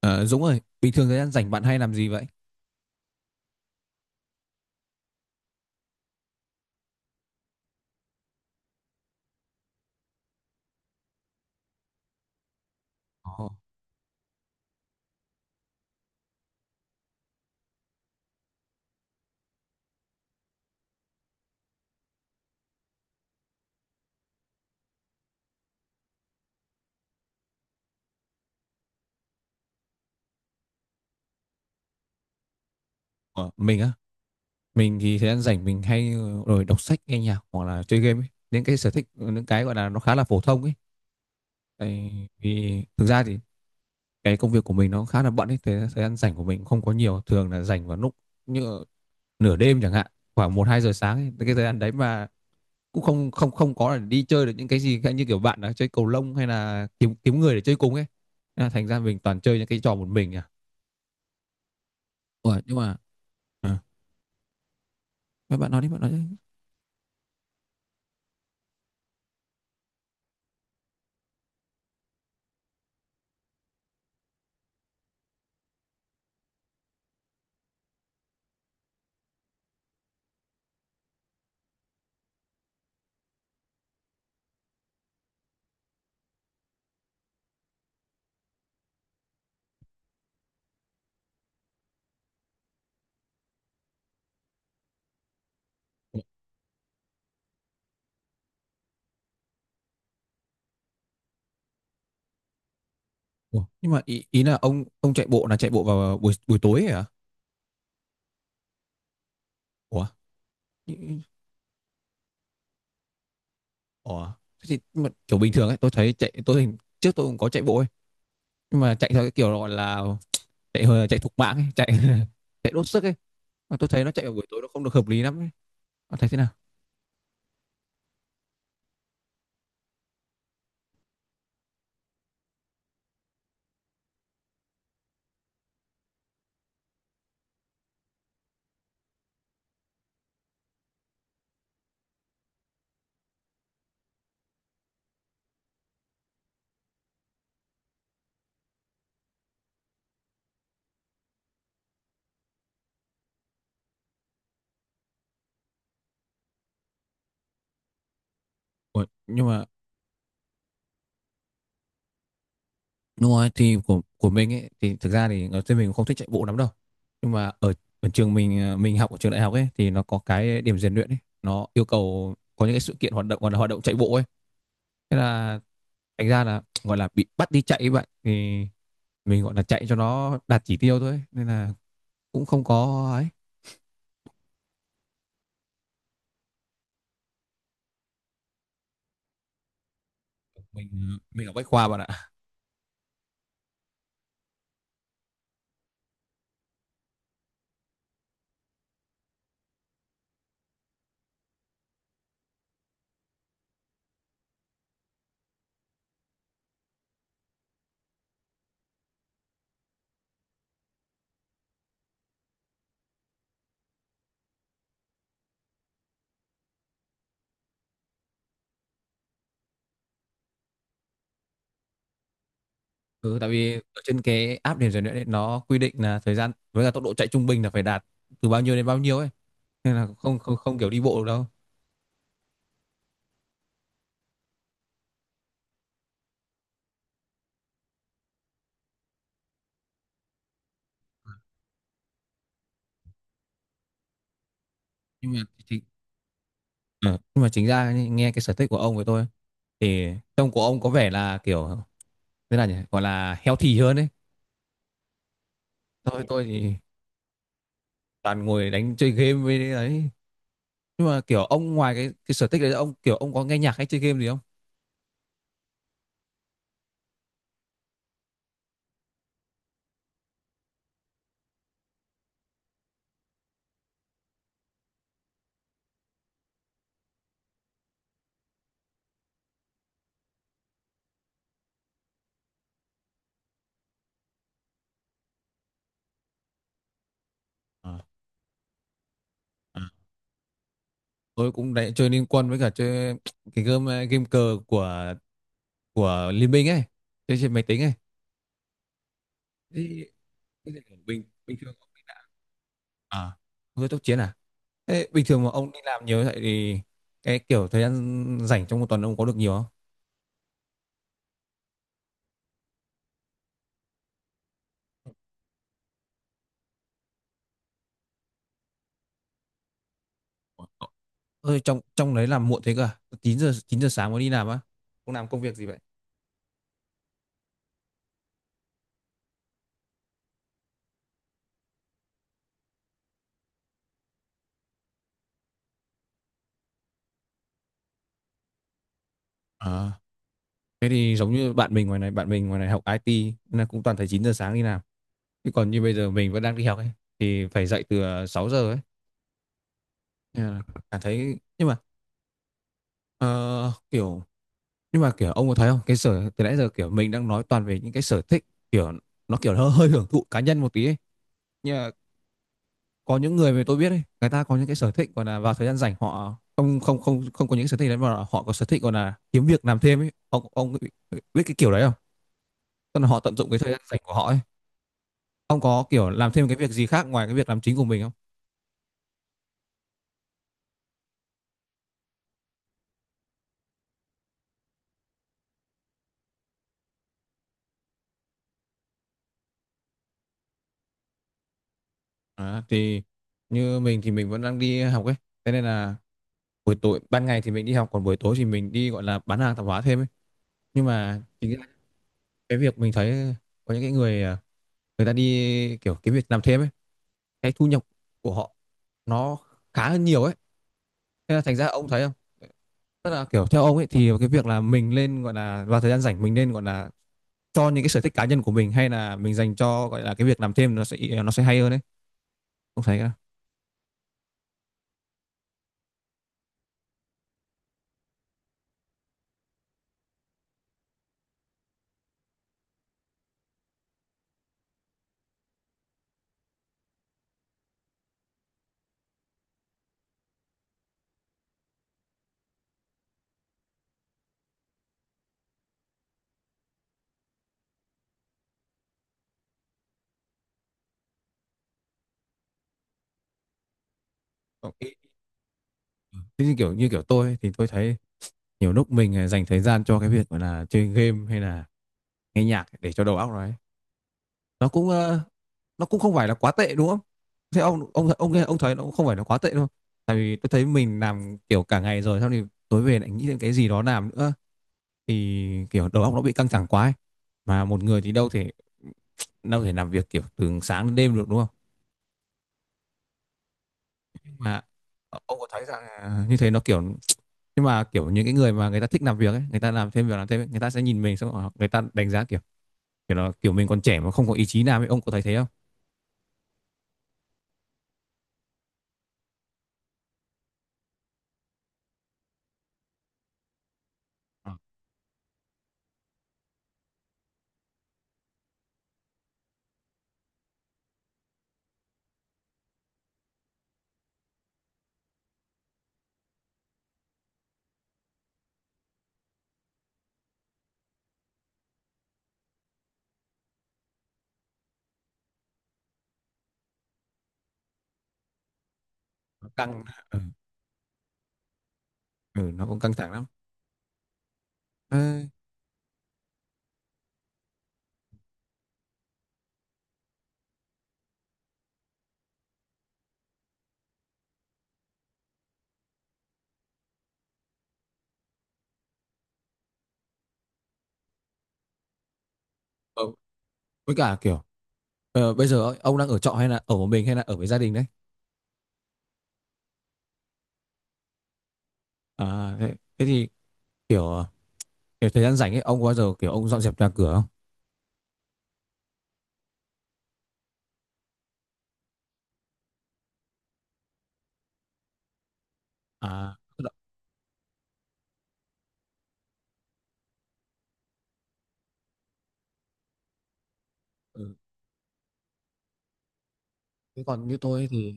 Ờ, Dũng ơi, bình thường thời gian rảnh bạn hay làm gì vậy? Ồ, ờ, mình á, mình thì thời gian rảnh mình hay ờ, rồi đọc sách, nghe nhạc hoặc là chơi game ấy. Những cái sở thích, những cái gọi là nó khá là phổ thông ấy. Tại vì thực ra thì cái công việc của mình nó khá là bận ấy, thế thời gian rảnh của mình không có nhiều, thường là rảnh vào lúc như nửa đêm chẳng hạn, khoảng một 2 giờ sáng ấy. Cái thời gian đấy mà cũng không không không có là đi chơi được những cái gì khác như kiểu bạn đã chơi cầu lông hay là kiếm kiếm người để chơi cùng ấy. Nên là Thành ra mình toàn chơi những cái trò một mình à. Ủa, nhưng mà ờ. Bạn bạn nói đi, bạn nói đi. Ủa, ủa, nhưng mà ý là ông chạy bộ là chạy bộ vào buổi buổi tối ấy à? Ủa? Ý- ủa? Thế thì, nhưng mà kiểu bình thường ấy, tôi thấy trước tôi cũng có chạy bộ ấy, nhưng mà chạy theo cái kiểu gọi là chạy thục mạng ấy, chạy chạy đốt sức ấy. Mà tôi thấy nó chạy vào buổi tối nó không được hợp lý lắm ấy. Bạn thấy thế nào? Ủa, nhưng mà đúng rồi thì của mình ấy thì thực ra thì ở trên mình cũng không thích chạy bộ lắm đâu. Nhưng mà ở ở trường mình, mình học ở trường đại học ấy thì nó có cái điểm rèn luyện ấy, nó yêu cầu có những cái sự kiện hoạt động gọi là hoạt động chạy bộ ấy. Thế là thành ra là gọi là bị bắt đi chạy ấy bạn, thì mình gọi là chạy cho nó đạt chỉ tiêu thôi nên là cũng không có ấy. Mình ở Bách Khoa bạn ạ. Ừ, tại vì ở trên cái app điểm rèn luyện ấy, nó quy định là thời gian với cả tốc độ chạy trung bình là phải đạt từ bao nhiêu đến bao nhiêu ấy, nên là không không không kiểu đi bộ được đâu. Nhưng mà chính Ờ, nhưng mà chính ra nhé, nghe cái sở thích của ông với tôi thì trông của ông có vẻ là kiểu thế là nhỉ gọi là healthy hơn ấy. Thôi tôi thì toàn ngồi đánh chơi game với đấy. Nhưng mà kiểu ông ngoài cái sở thích đấy ông kiểu ông có nghe nhạc hay chơi game gì không? Ờ, ờ. Tôi cũng đấy chơi Liên Quân với cả chơi cái game cờ của Liên Minh ấy, chơi trên máy tính ấy. Thế- thế thì bình bình thường ông đi làm à với tốc chiến à? Thế bình thường mà ông đi làm nhiều như vậy thì cái kiểu thời gian rảnh trong một tuần ông có được nhiều không? Ờ, ôi, trong trong đấy làm muộn thế cơ à? 9 giờ 9 giờ sáng mới đi làm á? Ông làm công việc gì vậy? Thế thì giống như bạn mình ngoài này, bạn mình ngoài này học IT, nên là cũng toàn thấy 9 giờ sáng đi làm. Chứ còn như bây giờ mình vẫn đang đi học ấy thì phải dậy từ 6 giờ ấy. Nên là cảm thấy nhưng mà ờ, kiểu nhưng mà kiểu ông có thấy không? Cái sở từ nãy giờ kiểu mình đang nói toàn về những cái sở thích kiểu nó kiểu hơi hơi hưởng thụ cá nhân một tí ấy. Nhưng mà có những người mà tôi biết ấy, người ta có những cái sở thích còn là vào thời gian rảnh họ không không không không có những sở thích đấy mà họ có sở thích còn là kiếm việc làm thêm ấy. Ông biết cái kiểu đấy không? Tức là họ tận dụng cái thời gian rảnh của họ ấy. Ông có kiểu làm thêm cái việc gì khác ngoài cái việc làm chính của mình không? À, thì như mình thì mình vẫn đang đi học ấy. Thế nên là buổi tối ban ngày thì mình đi học còn buổi tối thì mình đi gọi là bán hàng tạp hóa thêm ấy. Nhưng mà chính là cái việc mình thấy có những cái người à, người ta đi kiểu cái việc làm thêm ấy, cái thu nhập của họ nó khá hơn nhiều ấy. Thế là thành ra ông thấy không? Tức là kiểu theo ông ấy thì cái việc là mình lên gọi là vào thời gian rảnh mình nên gọi là cho những cái sở thích cá nhân của mình hay là mình dành cho gọi là cái việc làm thêm nó sẽ hay hơn đấy, ông thấy? Ờ, ý- Thế như kiểu tôi ấy, thì tôi thấy nhiều lúc mình dành thời gian cho cái việc gọi là chơi game hay là nghe nhạc để cho đầu óc nó ấy. Nó nó cũng không phải là quá tệ đúng không? Thế ông thấy nó cũng không phải là quá tệ đâu. Tại vì tôi thấy mình làm kiểu cả ngày rồi xong thì tối về lại nghĩ đến cái gì đó làm nữa thì kiểu đầu óc nó bị căng thẳng quá ấy. Mà một người thì đâu thể làm việc kiểu từ sáng đến đêm được đúng không? Mà ông có thấy rằng như thế nó kiểu nhưng mà kiểu những cái người mà người ta thích làm việc ấy người ta làm thêm làm thêm ấy, người ta sẽ nhìn mình xong rồi người ta đánh giá kiểu kiểu là kiểu mình còn trẻ mà không có ý chí làm ấy, ông có thấy thế không? Ờ, nó căng, ừ, ừ, nó cũng căng thẳng lắm. Ê, ờ, với cả kiểu, bây giờ ấy, ông đang ở trọ hay là ở một mình hay là ở với gia đình đấy? À, thế, thế thì kiểu kiểu thời gian rảnh ấy ông có bao giờ kiểu ông dọn dẹp nhà cửa không? À tức là- ừ. Thế còn như tôi thì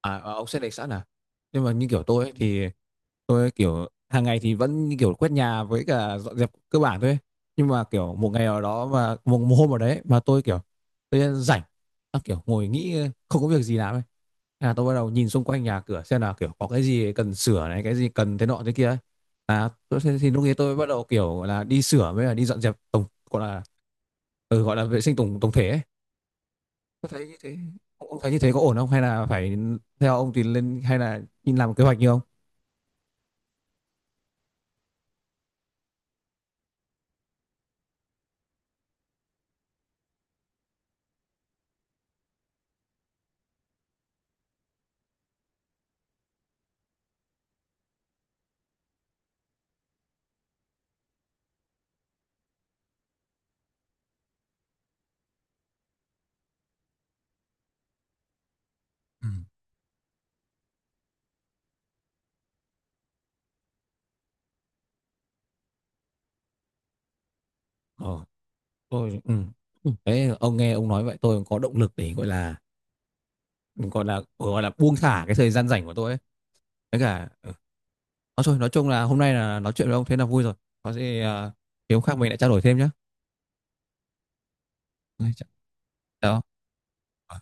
à, à, ông sẽ để sẵn à? Nhưng mà như kiểu tôi ấy, thì tôi kiểu hàng ngày thì vẫn như kiểu quét nhà với cả dọn dẹp cơ bản thôi ấy. Nhưng mà kiểu một ngày nào đó mà một hôm nào đấy mà tôi kiểu tôi rảnh, à, kiểu ngồi nghĩ không có việc gì làm ấy. Thế là tôi bắt đầu nhìn xung quanh nhà cửa xem là kiểu có cái gì cần sửa này cái gì cần thế nọ thế kia ấy. À tôi, thì lúc ấy tôi bắt đầu kiểu là đi sửa với là đi dọn dẹp tổng gọi là ừ, gọi là vệ sinh tổng tổng thể ấy. Tôi thấy như thế ông thấy như thế có ổn không hay là phải theo ông thì lên hay là nhìn làm kế hoạch như ông? Ừ. Ờ tôi ừ. Ừ. Đấy, ông nghe ông nói vậy tôi cũng có động lực để gọi là buông thả cái thời gian rảnh của tôi ấy với cả ừ. Nói chung là hôm nay là nói chuyện với ông thế là vui rồi, có gì thì hôm khác mình lại trao đổi thêm nhé. Đấy, chào ông.